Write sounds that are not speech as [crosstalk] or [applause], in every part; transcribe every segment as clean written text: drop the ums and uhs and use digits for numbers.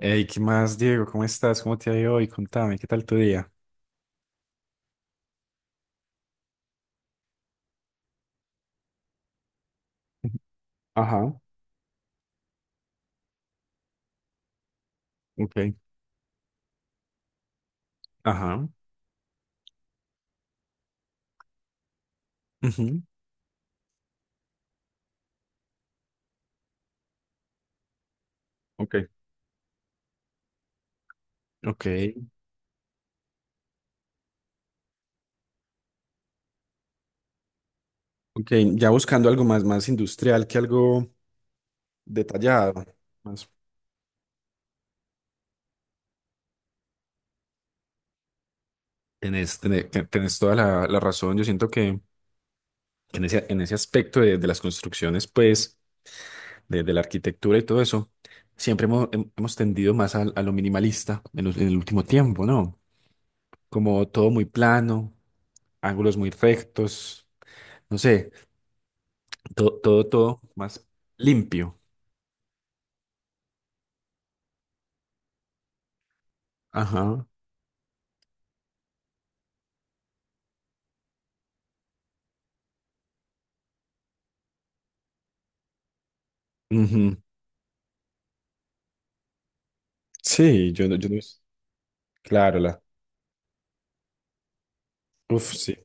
Hey, ¿qué más, Diego? ¿Cómo estás? ¿Cómo te ha ido hoy? Contame, ¿qué tal tu día? Ajá, ok, ajá. Ujú, ok. Ok, ok. Ya buscando algo más, más industrial que algo detallado. Más. Tenés toda la razón. Yo siento que en ese aspecto de las construcciones, pues, de la arquitectura y todo eso, siempre hemos tendido más lo minimalista en el último tiempo, ¿no? Como todo muy plano, ángulos muy rectos, no sé. Todo, todo, todo más limpio. Ajá. Ujú. Sí, yo no, yo no. Claro, la. Uf, sí.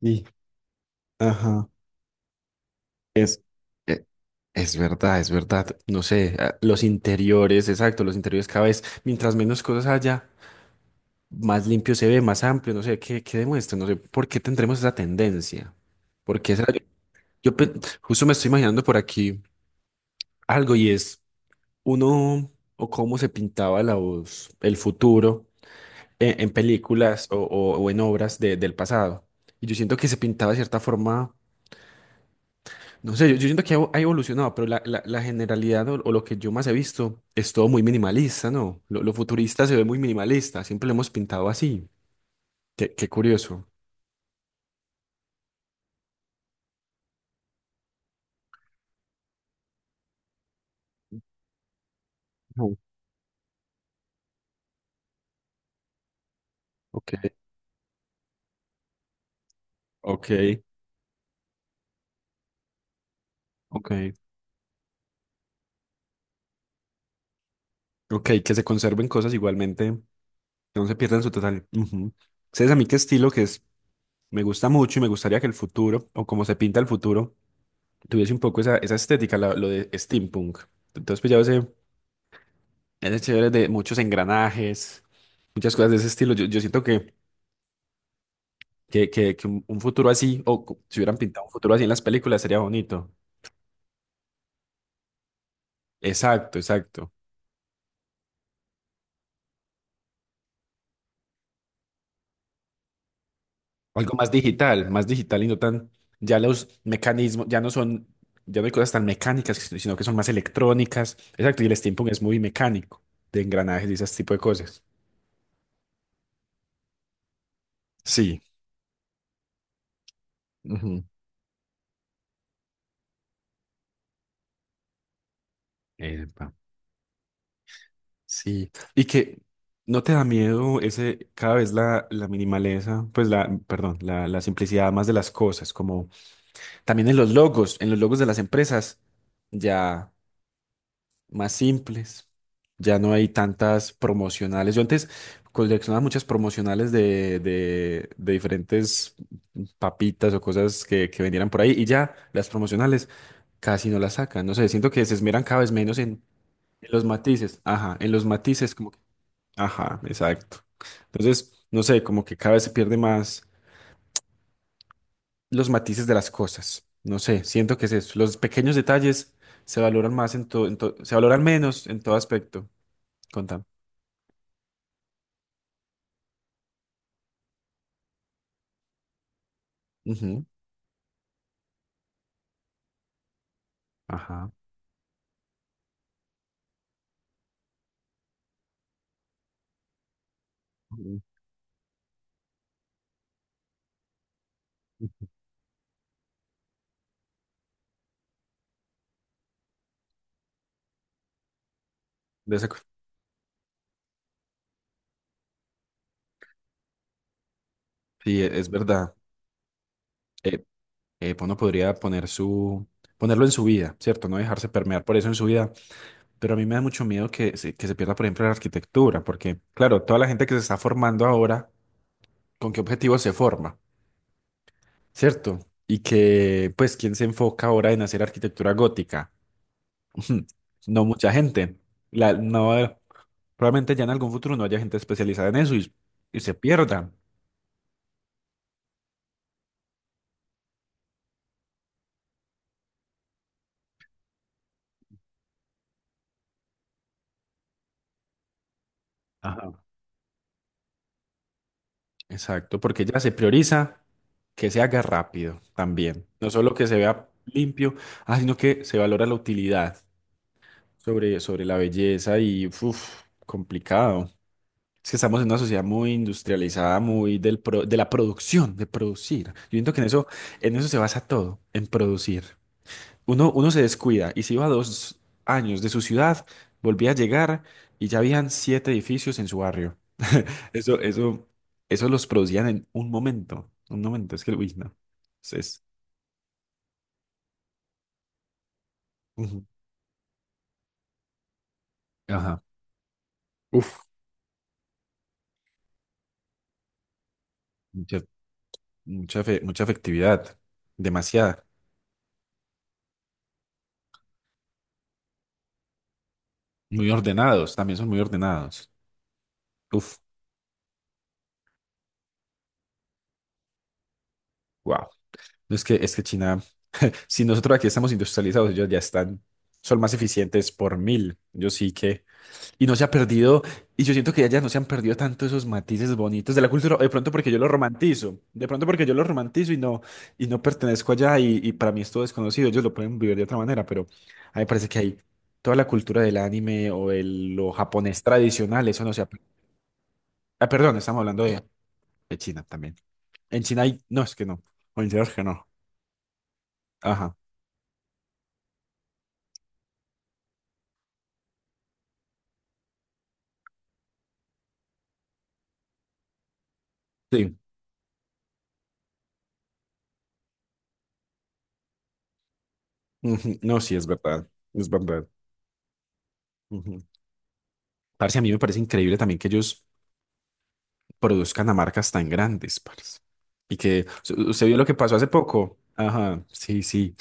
Sí. Ajá. Es, e- es verdad, es verdad. No sé, los interiores, exacto, los interiores cada vez, mientras menos cosas haya, más limpio se ve, más amplio, no sé, ¿qué, qué demuestra? No sé, ¿por qué tendremos esa tendencia? Yo, yo pe- justo me estoy imaginando por aquí algo y es uno o cómo se pintaba la voz, el futuro en películas o en obras del pasado. Y yo siento que se pintaba de cierta forma, no sé, yo siento que ha evolucionado, pero la generalidad o lo que yo más he visto es todo muy minimalista, ¿no? Lo futurista se ve muy minimalista, siempre lo hemos pintado así. Qué, qué curioso. Ujú, ok, ok, ok. Ok, que se conserven cosas igualmente, que no se pierdan su totalidad. Ujú. ¿Sabes a mí qué estilo que es? Me gusta mucho y me gustaría que el futuro, o como se pinta el futuro, tuviese un poco esa, esa estética, lo de steampunk. Entonces, pues ya ese chévere de muchos engranajes, muchas cosas de ese estilo. Yo siento que un futuro así, si hubieran pintado un futuro así en las películas, sería bonito. Exacto, exacto. Algo más digital y no tan, ya los mecanismos, ya no son, ya no hay cosas tan mecánicas, si, sino que son más electrónicas. Exacto, y el steampunk es muy mecánico, de engranajes y ese tipo de cosas. Sí. Ujú. Epa. Sí, y que no te da miedo ese, cada vez la minimaleza, pues la, perdón, la simplicidad más de las cosas, como también en los logos de las empresas, ya más simples, ya no hay tantas promocionales. Yo antes coleccionaba muchas promocionales de diferentes papitas o cosas que vendieran por ahí, y ya las promocionales casi no las sacan, no sé, siento que se esmeran cada vez menos en los matices, ajá, en los matices, como ajá, exacto. Entonces, no sé, como que cada vez se pierde más los matices de las cosas. No sé, siento que es eso. Los pequeños detalles se valoran más en todo, se valoran menos en todo aspecto. Contame. Ujú, ajá. Ujú. De esa co- sí, es verdad. Eh, uno podría poner su, ponerlo en su vida, ¿cierto? No dejarse permear por eso en su vida. Pero a mí me da mucho miedo que se pierda, por ejemplo, la arquitectura, porque, claro, toda la gente que se está formando ahora, ¿con qué objetivo se forma? ¿Cierto? Y que, pues, ¿quién se enfoca ahora en hacer arquitectura gótica? [laughs] No mucha gente. La, no, probablemente ya en algún futuro no haya gente especializada en eso y se pierda. Ajá. Exacto, porque ya se prioriza que se haga rápido también. No solo que se vea limpio, ah, sino que se valora la utilidad sobre, sobre la belleza y, uff, complicado. Es que estamos en una sociedad muy industrializada, muy de la producción, de producir. Yo siento que en eso se basa todo, en producir. Uno, uno se descuida y se iba 2 años de su ciudad, volvía a llegar y ya habían 7 edificios en su barrio. [laughs] Eso, eso, eso los producían en un momento, un momento. Es que, uy, no. Es, es- Ujú. Ajá. Uf, mucha, mucha efectividad, demasiada. Muy ordenados, también son muy ordenados. Uf. Wow. No, es que, es que China, si nosotros aquí estamos industrializados, ellos ya están, son más eficientes por mil. Yo sí que. Y no se ha perdido, y yo siento que allá no se han perdido tanto esos matices bonitos de la cultura, o de pronto porque yo lo romantizo, de pronto porque yo lo romantizo y no pertenezco allá, y para mí es todo desconocido, ellos lo pueden vivir de otra manera, pero a mí me parece que hay toda la cultura del anime o el, lo japonés tradicional, eso no se ha. Ah, perdón, estamos hablando de China también. En China hay, no, es que no, o en China es que no. Ajá. Sí. Ujú, no, sí, es verdad, es verdad. Ujú. Parce, a mí me parece increíble también que ellos produzcan a marcas tan grandes, parce. Y que se usted vio lo que pasó hace poco. Ajá, sí, sí,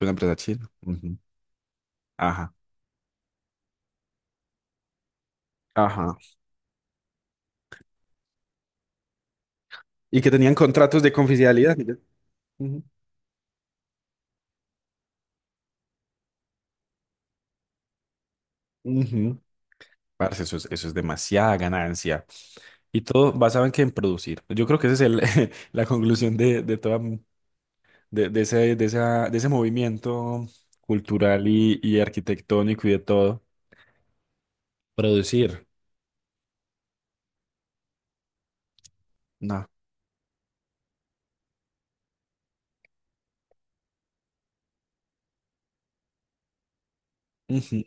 una empresa china. Ujú, ajá, ajá. Y que tenían contratos de confidencialidad. Mira. Ujú, ujú. Parce, eso es demasiada ganancia. Y todo basado en que en producir. Yo creo que esa es el- [laughs] la conclusión de toda, de ese, de ese movimiento cultural y arquitectónico y de todo. Producir. No. Ujú.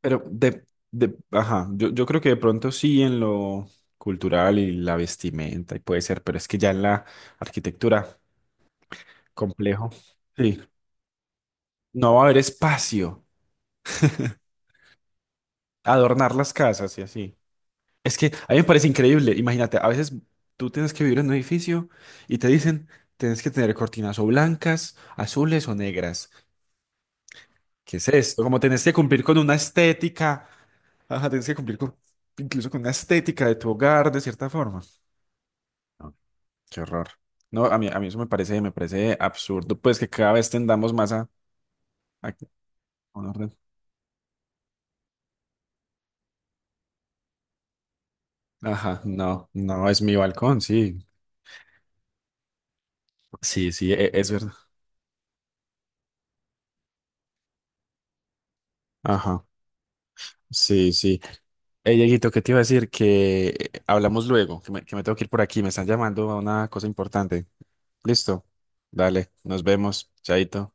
Pero de, ajá, yo creo que de pronto sí en lo cultural y la vestimenta y puede ser, pero es que ya en la arquitectura, complejo. Sí, no va a haber espacio, adornar las casas y así. Es que a mí me parece increíble, imagínate, a veces tú tienes que vivir en un edificio y te dicen, tienes que tener cortinas o blancas, azules o negras. ¿Qué es esto? Como tenés que cumplir con una estética ajá, tienes que cumplir con, incluso con una estética de tu hogar, de cierta forma. No, qué horror. No, a mí eso me parece absurdo, pues que cada vez tendamos más a, a que- a un orden. Ajá, no, no es mi balcón, sí. Sí, sí, es verdad. Ajá, sí, sí. Hey, Dieguito, ¿qué te iba a decir? Que hablamos luego, que me tengo que ir por aquí, me están llamando a una cosa importante. Listo, dale, nos vemos, chaito.